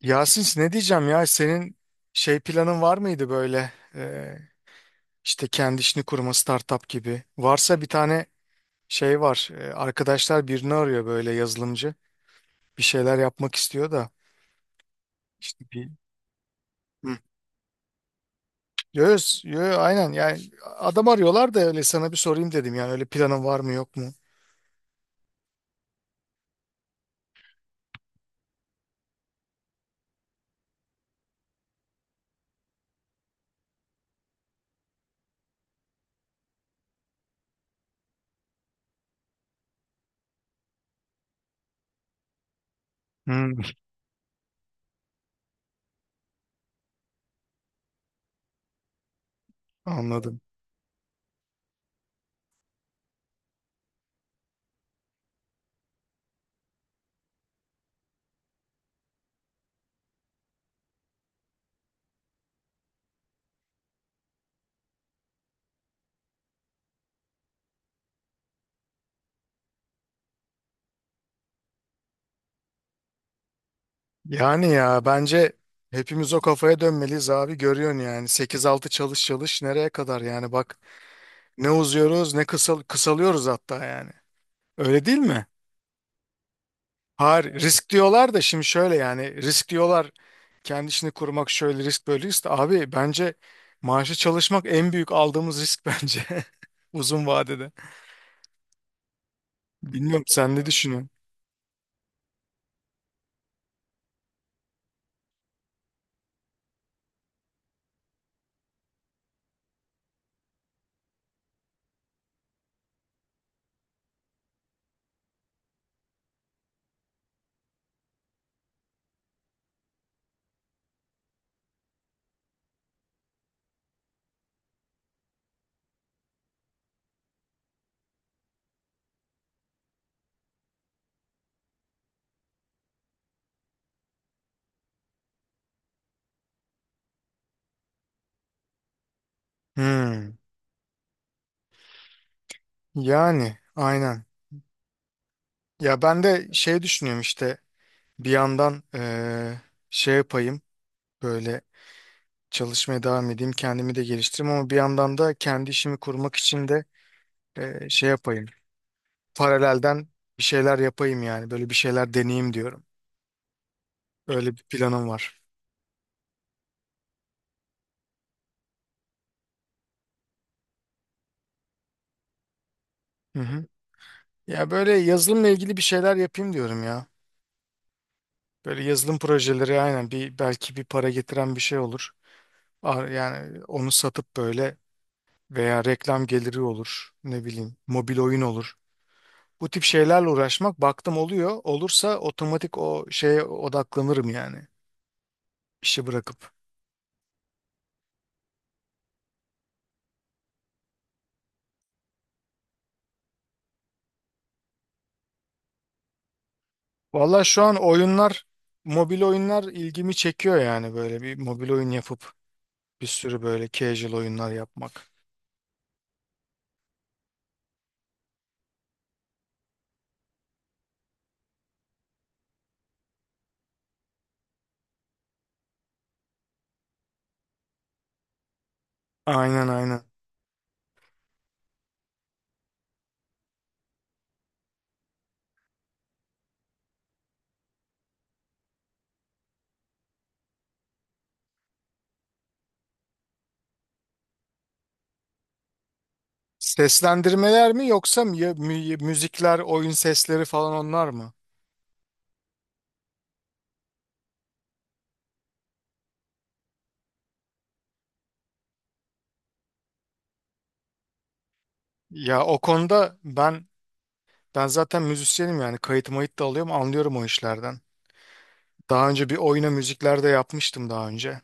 Yasin, ne diyeceğim ya, senin şey, planın var mıydı böyle işte kendi işini kurma, startup gibi? Varsa, bir tane şey var, arkadaşlar birini arıyor, böyle yazılımcı bir şeyler yapmak istiyor da işte bir. Hı. Yo, yo, aynen yani adam arıyorlar da, öyle sana bir sorayım dedim, yani öyle planın var mı yok mu? Hı. Anladım. Yani ya bence hepimiz o kafaya dönmeliyiz abi. Görüyorsun yani, sekiz altı çalış çalış, nereye kadar yani? Bak, ne uzuyoruz ne kısalıyoruz hatta yani. Öyle değil mi? Hayır, risk diyorlar da, şimdi şöyle yani, risk diyorlar kendi işini kurmak şöyle risk, böyle risk, de abi bence maaşı çalışmak en büyük aldığımız risk bence, uzun vadede. Bilmiyorum, sen ne düşünüyorsun? Hmm, yani aynen. Ya ben de şey düşünüyorum işte, bir yandan şey yapayım, böyle çalışmaya devam edeyim, kendimi de geliştireyim, ama bir yandan da kendi işimi kurmak için de şey yapayım. Paralelden bir şeyler yapayım yani. Böyle bir şeyler deneyeyim diyorum. Öyle bir planım var. Hı hı. Ya böyle yazılımla ilgili bir şeyler yapayım diyorum ya. Böyle yazılım projeleri, aynen, bir belki bir para getiren bir şey olur. Yani onu satıp böyle, veya reklam geliri olur. Ne bileyim, mobil oyun olur. Bu tip şeylerle uğraşmak, baktım oluyor, olursa otomatik o şeye odaklanırım yani. İşi bırakıp. Valla şu an oyunlar, mobil oyunlar ilgimi çekiyor yani, böyle bir mobil oyun yapıp bir sürü böyle casual oyunlar yapmak. Aynen, aynen. Seslendirmeler mi, yoksa müzikler, oyun sesleri falan onlar mı? Ya o konuda ben, zaten müzisyenim yani, kayıt mayıt da alıyorum, anlıyorum o işlerden. Daha önce bir oyuna müzikler de yapmıştım daha önce.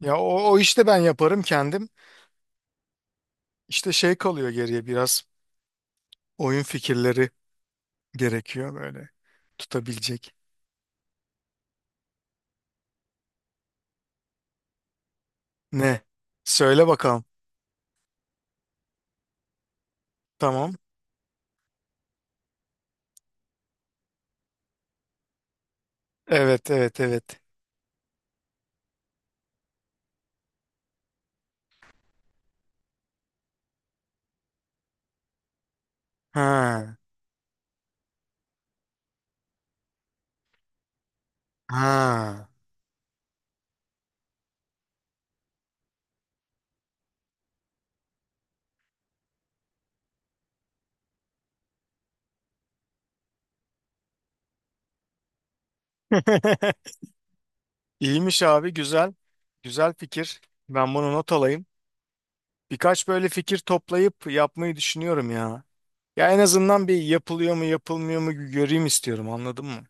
Ya o, işte ben yaparım kendim. İşte şey kalıyor geriye, biraz oyun fikirleri gerekiyor, böyle tutabilecek. Ne? Söyle bakalım. Tamam. Evet, evet, evet. Ha. Ha. İyiymiş abi, güzel. Güzel fikir. Ben bunu not alayım. Birkaç böyle fikir toplayıp yapmayı düşünüyorum ya. Ya en azından bir yapılıyor mu yapılmıyor mu göreyim istiyorum, anladın mı?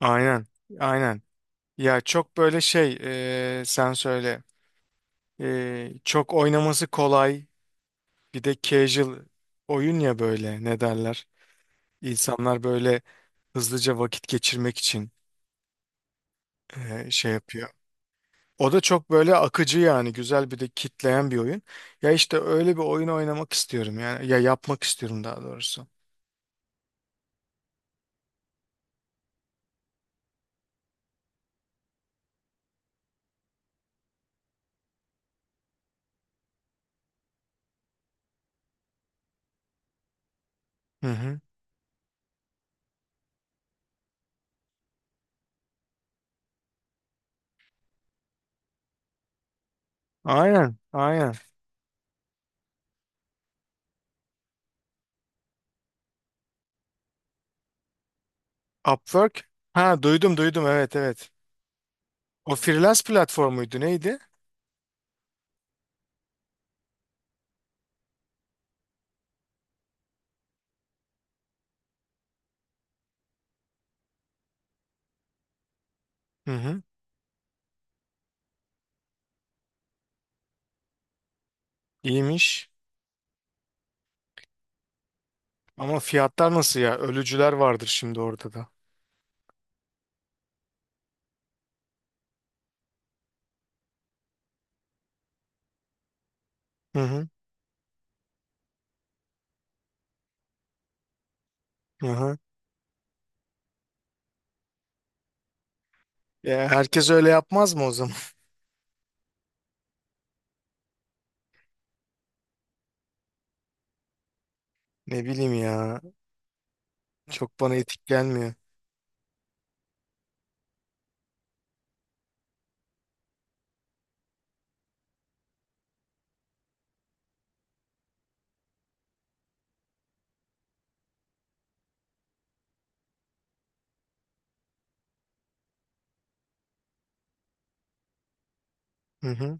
Aynen. Aynen. Ya çok böyle şey, sen söyle. Çok oynaması kolay. Bir de casual oyun ya, böyle ne derler. İnsanlar böyle hızlıca vakit geçirmek için şey yapıyor. O da çok böyle akıcı yani, güzel, bir de kitleyen bir oyun. Ya işte öyle bir oyun oynamak istiyorum yani, ya yapmak istiyorum daha doğrusu. Hı hı. Aynen, aynen. Upwork. Ha, duydum, duydum, evet, evet. O freelance platformuydu neydi? Hı hı. İyiymiş. Ama fiyatlar nasıl ya? Ölücüler vardır şimdi orada da. Hı hı. Hı hı. Ya herkes öyle yapmaz mı o zaman? Ne bileyim ya. Çok bana etik gelmiyor. Hı hı.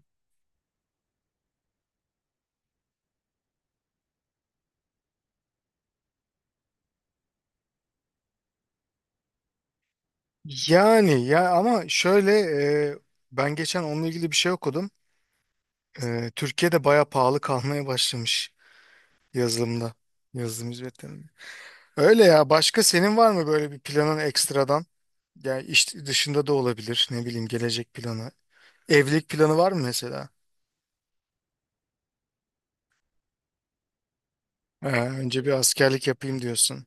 Yani ya ama şöyle, e, ben geçen onunla ilgili bir şey okudum. Türkiye'de baya pahalı kalmaya başlamış, yazılımda. Yazılım hizmetlerinde. Öyle ya. Başka senin var mı böyle bir planın ekstradan? Yani iş dışında da olabilir. Ne bileyim, gelecek planı. Evlilik planı var mı mesela? Önce bir askerlik yapayım diyorsun.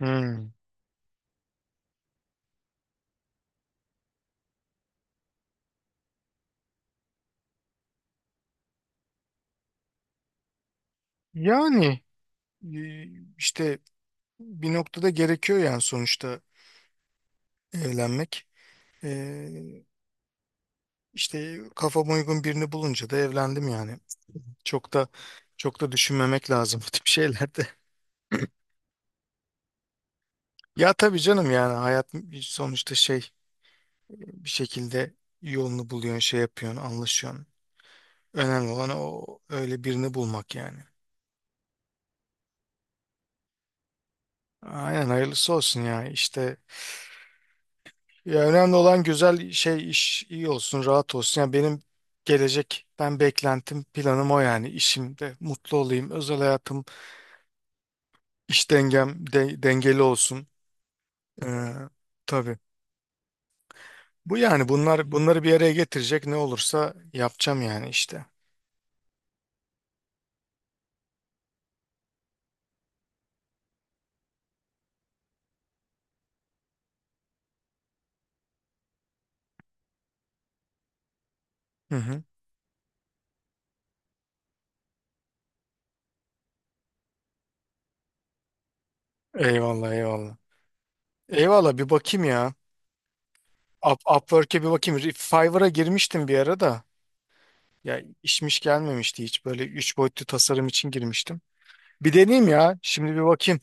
Hmm. Yani e, işte bir noktada gerekiyor yani sonuçta, evlenmek. Ee, işte kafama uygun birini bulunca da evlendim yani. Çok da, çok da düşünmemek lazım bu tip şeylerde. Ya tabii canım, yani hayat sonuçta şey, bir şekilde yolunu buluyorsun, şey yapıyorsun, anlaşıyorsun. Önemli olan o, öyle birini bulmak yani. Aynen, hayırlısı olsun ya işte. Ya önemli olan güzel şey, iş iyi olsun, rahat olsun. Yani benim gelecekten beklentim, planım o yani. İşimde mutlu olayım, özel hayatım, iş dengem dengeli olsun. Ee, tabii. Bu yani bunlar, bunları bir araya getirecek ne olursa yapacağım yani işte. Hı hı. Eyvallah, eyvallah. Eyvallah, bir bakayım ya. Upwork'e bir bakayım. Fiverr'a girmiştim bir ara da. Ya işmiş, gelmemişti hiç. Böyle üç boyutlu tasarım için girmiştim. Bir deneyeyim ya. Şimdi bir bakayım.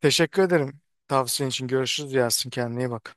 Teşekkür ederim tavsiyen için. Görüşürüz Yasin. Kendine iyi bak.